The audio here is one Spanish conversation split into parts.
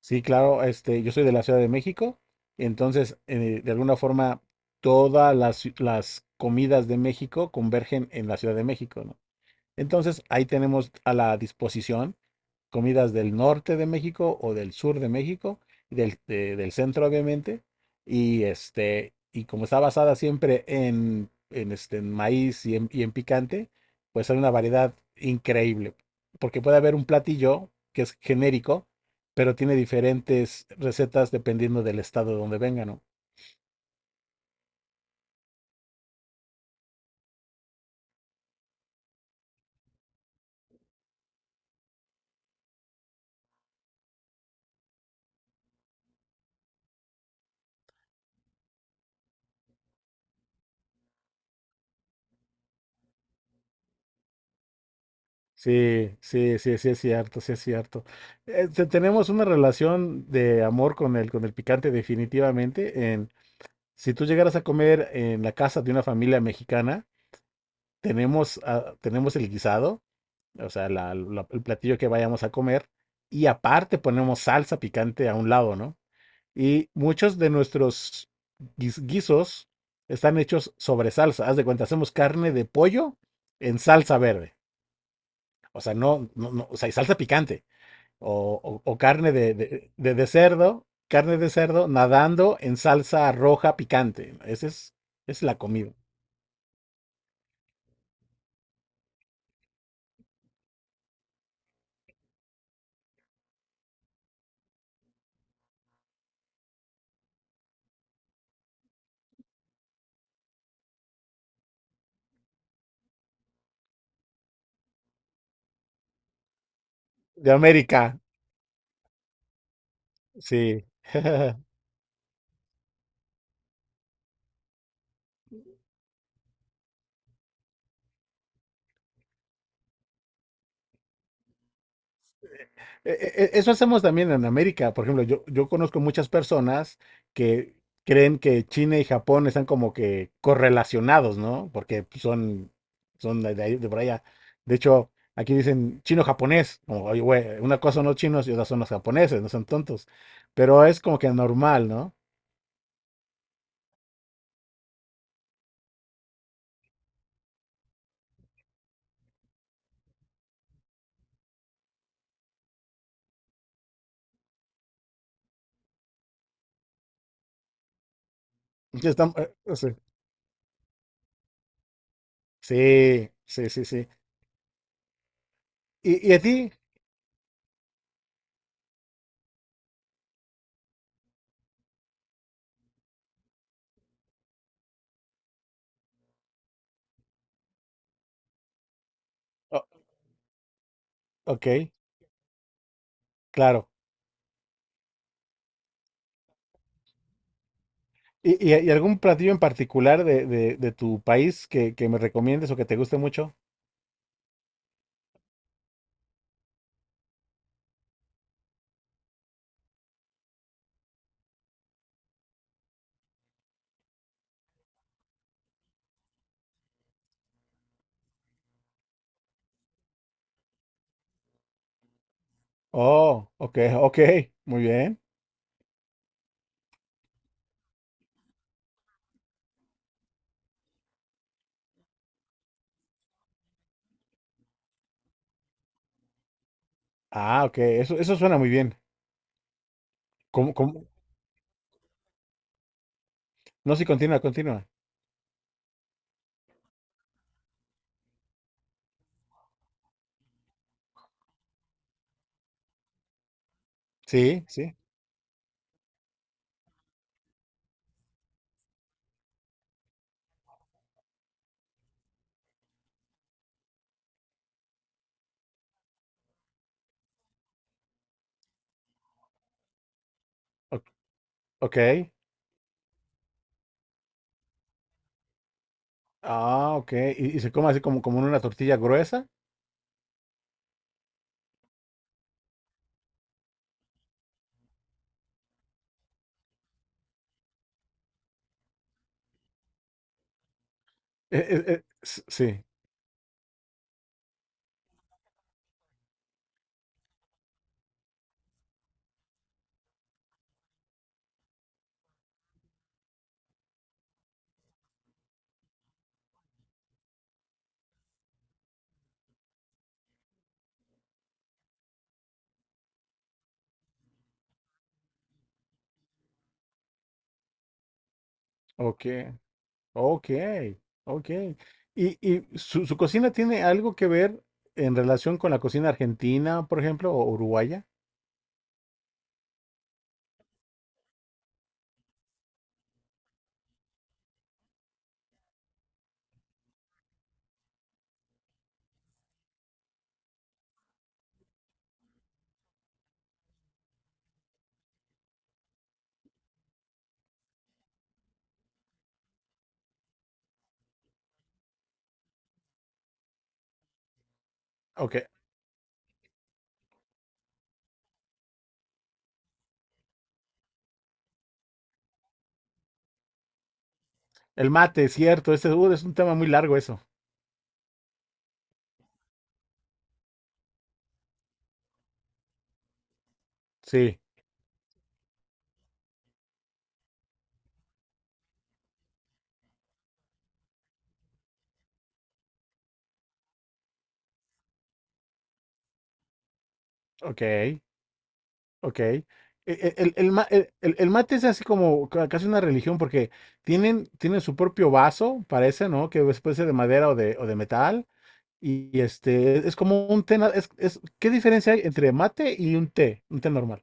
Sí, claro, yo soy de la Ciudad de México, entonces de alguna forma las comidas de México convergen en la Ciudad de México, ¿no? Entonces ahí tenemos a la disposición comidas del norte de México o del sur de México, del centro obviamente, y y como está basada siempre en maíz y en picante, pues hay una variedad increíble, porque puede haber un platillo que es genérico, pero tiene diferentes recetas dependiendo del estado de donde vengan, ¿no? Sí, sí, sí, sí es cierto, sí es cierto. Tenemos una relación de amor con el picante definitivamente. Si tú llegaras a comer en la casa de una familia mexicana, tenemos, ah, tenemos el guisado, o sea, el platillo que vayamos a comer, y aparte ponemos salsa picante a un lado, ¿no? Y muchos de nuestros guisos están hechos sobre salsa. Haz de cuenta, hacemos carne de pollo en salsa verde. O sea, no, no, no, o sea, y salsa picante. O, o carne de, de cerdo, carne de cerdo nadando en salsa roja picante. Esa es la comida. De América, sí. E- Eso hacemos también en América. Por ejemplo, yo conozco muchas personas que creen que China y Japón están como que correlacionados, ¿no? Porque son, son de, de por allá. De hecho, aquí dicen chino-japonés. Como, oye, güey, una cosa son los chinos y otra son los japoneses, no son tontos. Pero es como que normal, ¿no? Ya estamos- eh, sí, sí, sí, sí. Sí. Y a ti? O- ok, claro. ¿Y, y algún platillo en particular de, de tu país que me recomiendes o que te guste mucho? Oh, ok, ok, muy bien. Ah, ok, eso suena muy bien. ¿Cómo, cómo? No, sí, continúa, continúa. Sí, sí, o- ok. Ah, ok, y se come así como, como en una tortilla gruesa. Sí, ok, ok, ok. Y su, su cocina tiene algo que ver en relación con la cocina argentina, por ejemplo, o uruguaya? Ok. El mate, cierto, ese es un tema muy largo eso. Sí, ok, ok. El, el mate es así como casi una religión porque tienen, tienen su propio vaso, parece, ¿no? Puede ser de madera o de metal. Y, es como un té, es, ¿qué diferencia hay entre mate y un té? Un té normal.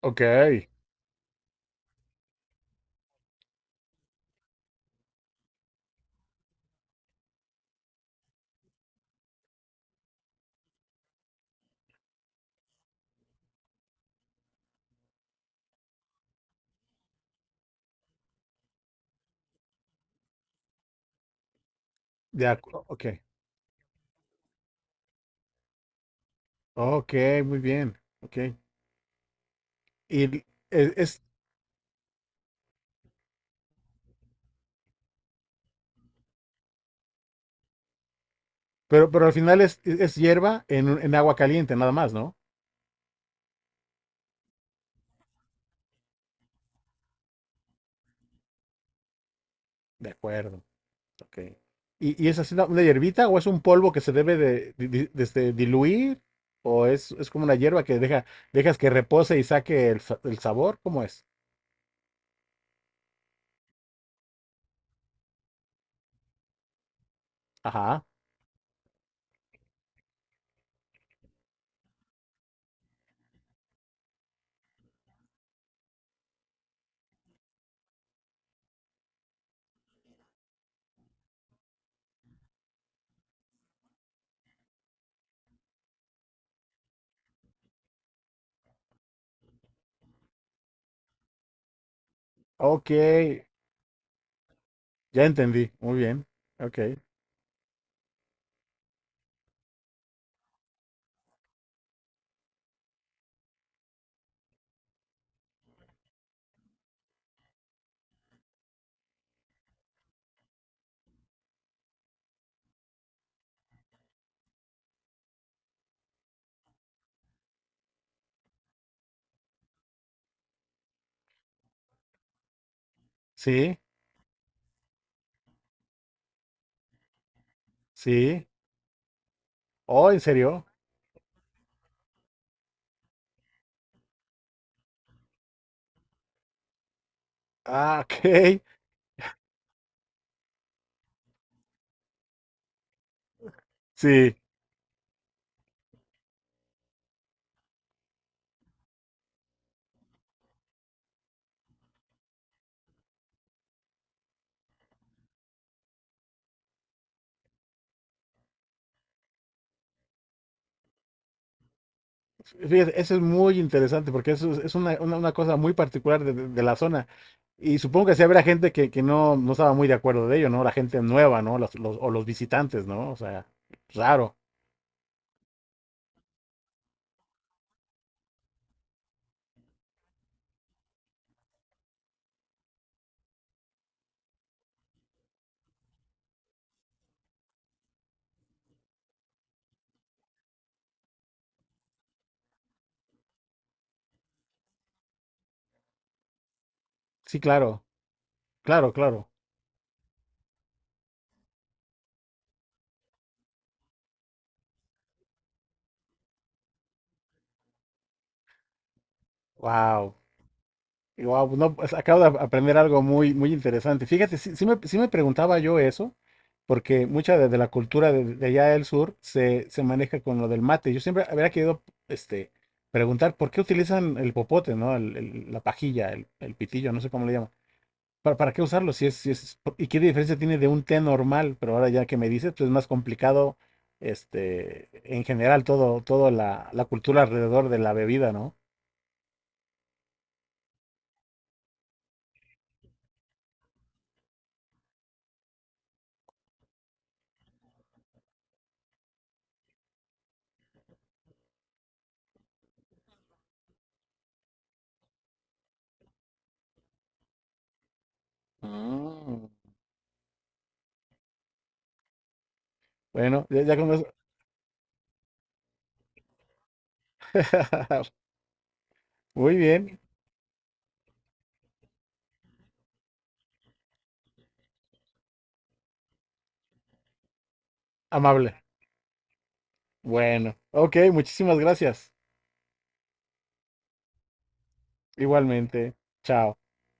Ok, de acuerdo, ok. Ok, muy bien, ok. Y l- es, es- pero al final es hierba en, en agua caliente, nada más, ¿no? De acuerdo. Okay. Y es así una hierbita o es un polvo que se debe de, diluir? ¿O es como una hierba que deja, dejas que repose y saque el, el sabor? ¿Cómo es? Ajá. Ok. Ya entendí. Muy bien. Ok. Sí, sí. Oh, ¿en serio? Ah, ok. Sí. Fíjate, eso es muy interesante porque eso es una, una cosa muy particular de, de la zona. Y supongo que sí habrá gente que no, no estaba muy de acuerdo de ello, ¿no? La gente nueva, ¿no? Los, o los visitantes, ¿no? O sea, raro. Sí, claro, claro, claro. Wow. Wow, no, pues, acabo de aprender algo muy, muy interesante. Fíjate, sí, sí me preguntaba yo eso, porque mucha de la cultura de allá del sur se, se maneja con lo del mate. Yo siempre habría querido preguntar por qué utilizan el popote, ¿no? La pajilla, el pitillo, no sé cómo le llaman. Para qué usarlo? Si es, si es, ¿y qué diferencia tiene de un té normal? Pero ahora ya que me dices, pues es más complicado, en general, todo, toda la, la cultura alrededor de la bebida, ¿no? Mm. Bueno, ya, ya con eso. Muy bien, amable. Bueno, ok, muchísimas gracias. Igualmente, chao.